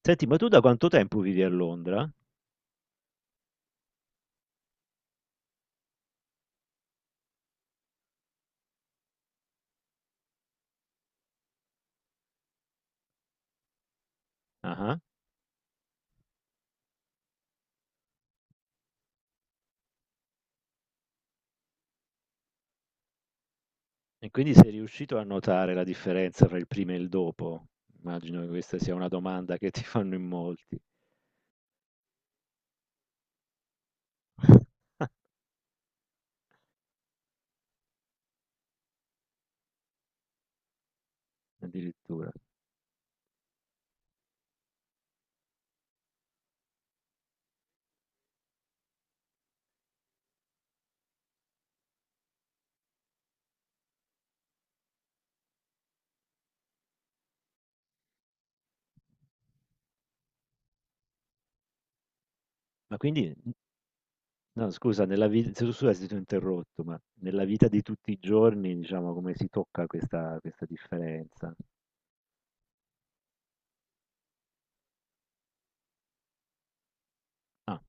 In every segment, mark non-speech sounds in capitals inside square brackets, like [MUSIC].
Senti, ma tu da quanto tempo vivi a Londra? Ah-ah. E quindi sei riuscito a notare la differenza fra il prima e il dopo? Immagino che questa sia una domanda che ti fanno in molti. [LAUGHS] Addirittura. Ma quindi, no, scusa, nella vita, scusa se ti ho interrotto, ma nella vita di tutti i giorni, diciamo, come si tocca questa differenza? Ah,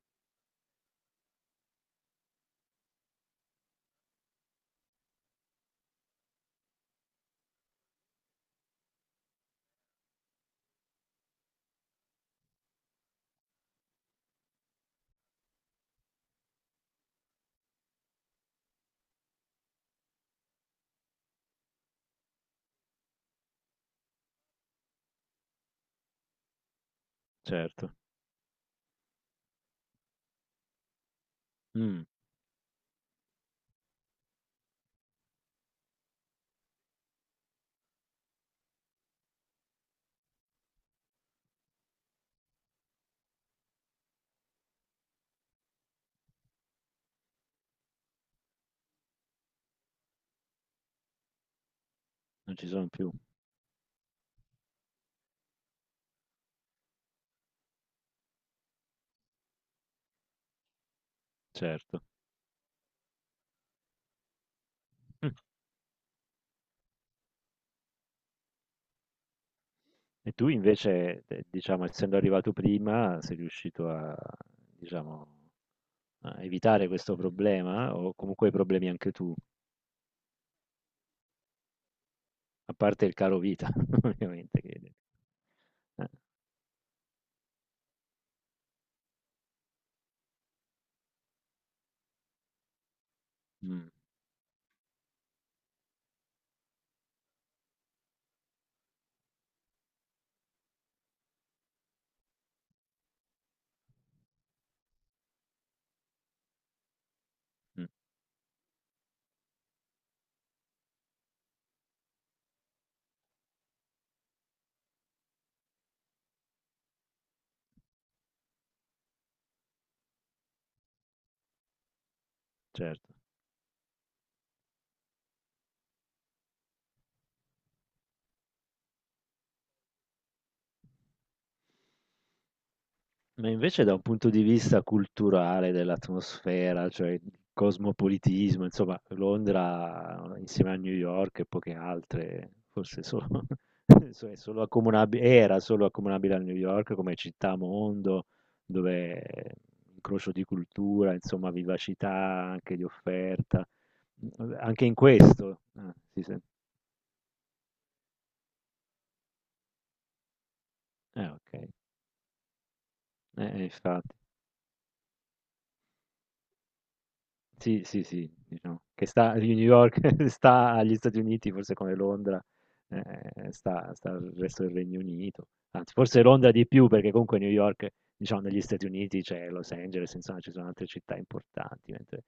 certo. Mm, non ci sono più, certo. Mm. E tu invece, diciamo, essendo arrivato prima, sei riuscito a, diciamo, a evitare questo problema o comunque hai problemi anche tu, a parte il caro vita, [LAUGHS] ovviamente. Eh, mm, mm, certo. Ma invece da un punto di vista culturale dell'atmosfera, cioè il cosmopolitismo, insomma, Londra insieme a New York e poche altre, forse solo, [LAUGHS] è solo accomunabile, era solo accomunabile a New York come città mondo, dove incrocio di cultura, insomma, vivacità anche di offerta. Anche in questo? Ah, si sen eh okay. Eh, infatti. Sì, sì, sì, diciamo che sta di New York [LAUGHS] sta agli Stati Uniti, forse come Londra, sta al resto del Regno Unito. Anzi, forse Londra di più, perché comunque New York, diciamo negli Stati Uniti c'è Los Angeles, insomma ci sono altre città importanti, mentre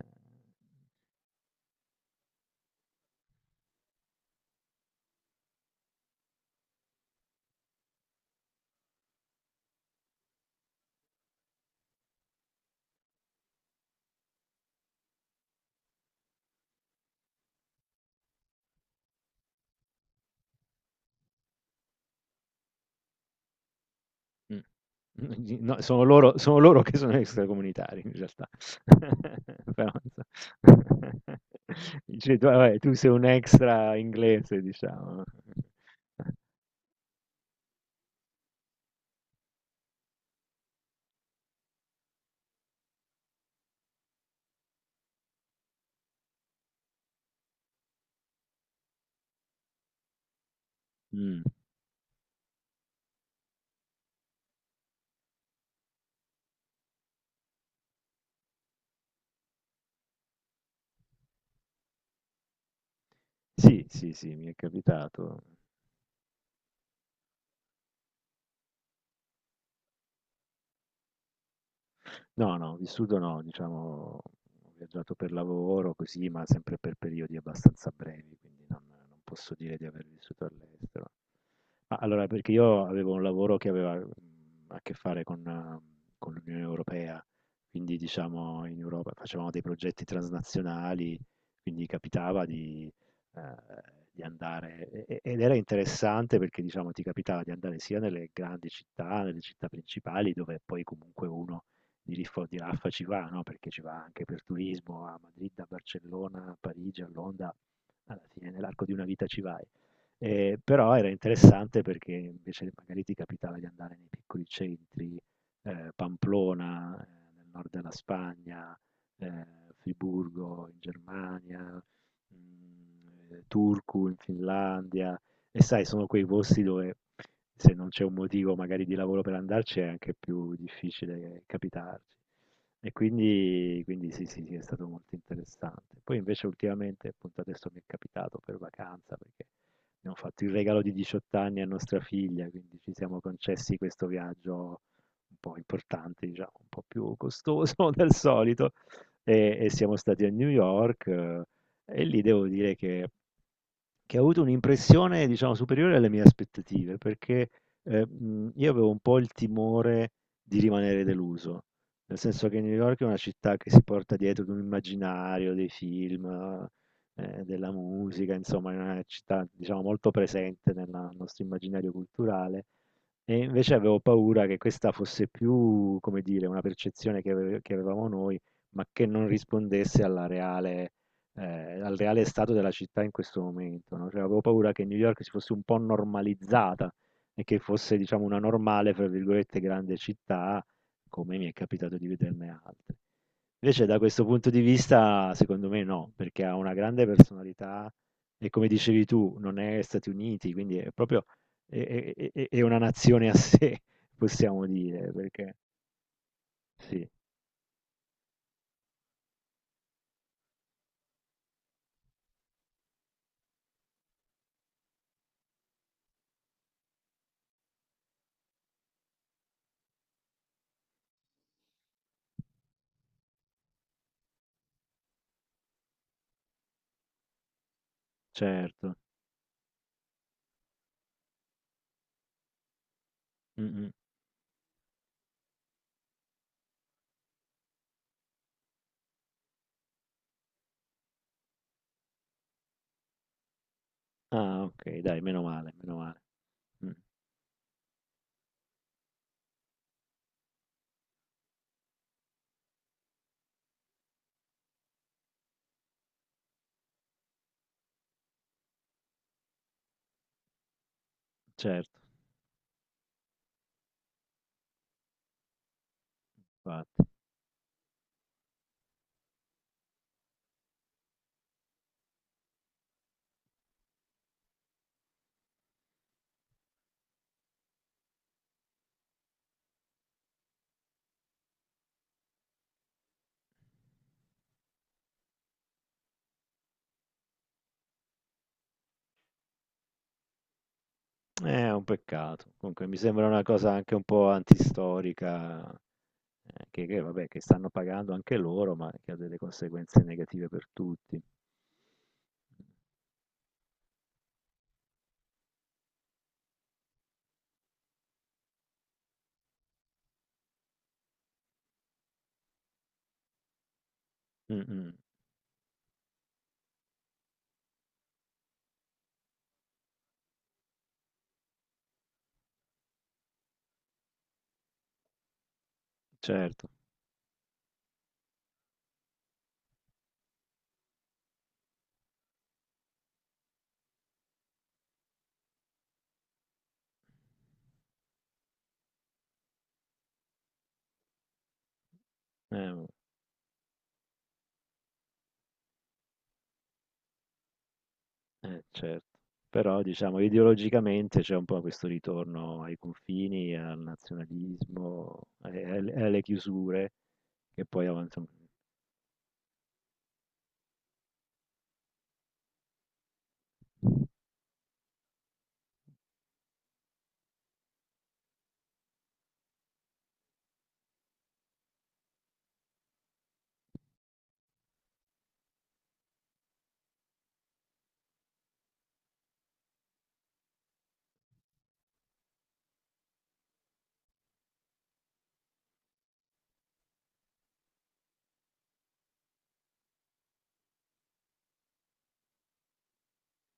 ehm Mh. Di [LAUGHS] no, sono loro che sono extracomunitari in realtà. [LAUGHS] Però inso [LAUGHS] dici tu, vabbè, tu sei un extra inglese diciamo. [LAUGHS] Mh. Sì, sì, sì, mi è capitato. No, no, vissuto no, diciamo, ho viaggiato per lavoro così, ma sempre per periodi abbastanza brevi, quindi non posso dire di aver vissuto all'estero. Ma allora, perché io avevo un lavoro che aveva a che fare con l'Unione Europea, quindi diciamo in Europa facevamo dei progetti transnazionali, quindi capitava eh, di andare, ed era interessante perché diciamo ti capitava di andare sia nelle grandi città, nelle città principali, dove poi comunque uno di lì fu di là ci va, no, perché ci va anche per turismo a Madrid, a Barcellona, a Parigi, a Londra, alla fine nell'arco di una vita ci vai. Però era interessante perché invece magari ti capitava di andare nei piccoli centri, Pamplona, nel nord della Spagna, Friburgo in Germania, Turku in Finlandia, e sai, sono quei posti dove se non c'è un motivo magari di lavoro per andarci è anche più difficile capitarci. E quindi, sì, sì, sì, è stato molto interessante. Poi invece ultimamente, appunto adesso mi è capitato per vacanza, perché abbiamo fatto il regalo di 18 anni a nostra figlia, quindi ci siamo concessi questo viaggio un po' importante, diciamo, un po' più costoso [LAUGHS] del solito, e siamo stati a New York, e lì devo dire che ha avuto un'impressione, diciamo, superiore alle mie aspettative, perché io avevo un po' il timore di rimanere deluso, nel senso che New York è una città che si porta dietro di un immaginario, dei film, della musica, insomma, è una città, diciamo, molto presente nel nostro immaginario culturale e invece avevo paura che questa fosse più, come dire, una percezione che avevamo noi, ma che non rispondesse al reale stato della città in questo momento, no? Cioè, avevo paura che New York si fosse un po' normalizzata e che fosse, diciamo, una normale, fra virgolette, grande città, come mi è capitato di vederne altre. Invece, da questo punto di vista, secondo me no, perché ha una grande personalità e, come dicevi tu, non è Stati Uniti, quindi è proprio è è una nazione a sé, [LAUGHS] possiamo dire, perché sì, certo. Mh-mh. Ah, okay, dai, meno male, meno male. Mh, certo, infatti. È un peccato. Comunque mi sembra una cosa anche un po' antistorica, che vabbè, che stanno pagando anche loro, ma che ha delle conseguenze negative per tutti. Mh-mh, certo. Eh, Eh, certo. Però diciamo ideologicamente c'è un po' questo ritorno ai confini, al nazionalismo, alle chiusure, che poi avanzano.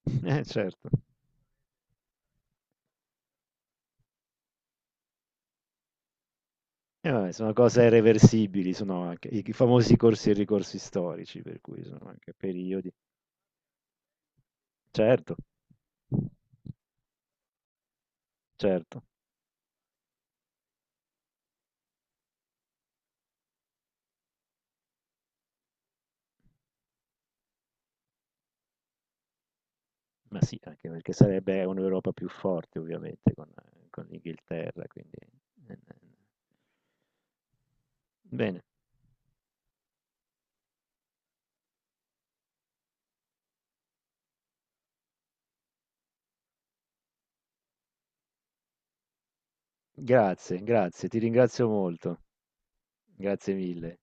[LAUGHS] Certo. Vabbè, sono cose irreversibili, sono anche i famosi corsi e ricorsi storici, per cui sono anche periodi. Certo, certo, ma sì, anche perché sarebbe un'Europa più forte, ovviamente, con l'Inghilterra, quindi. eh, eh. Bene, grazie, grazie, ti ringrazio molto, grazie mille.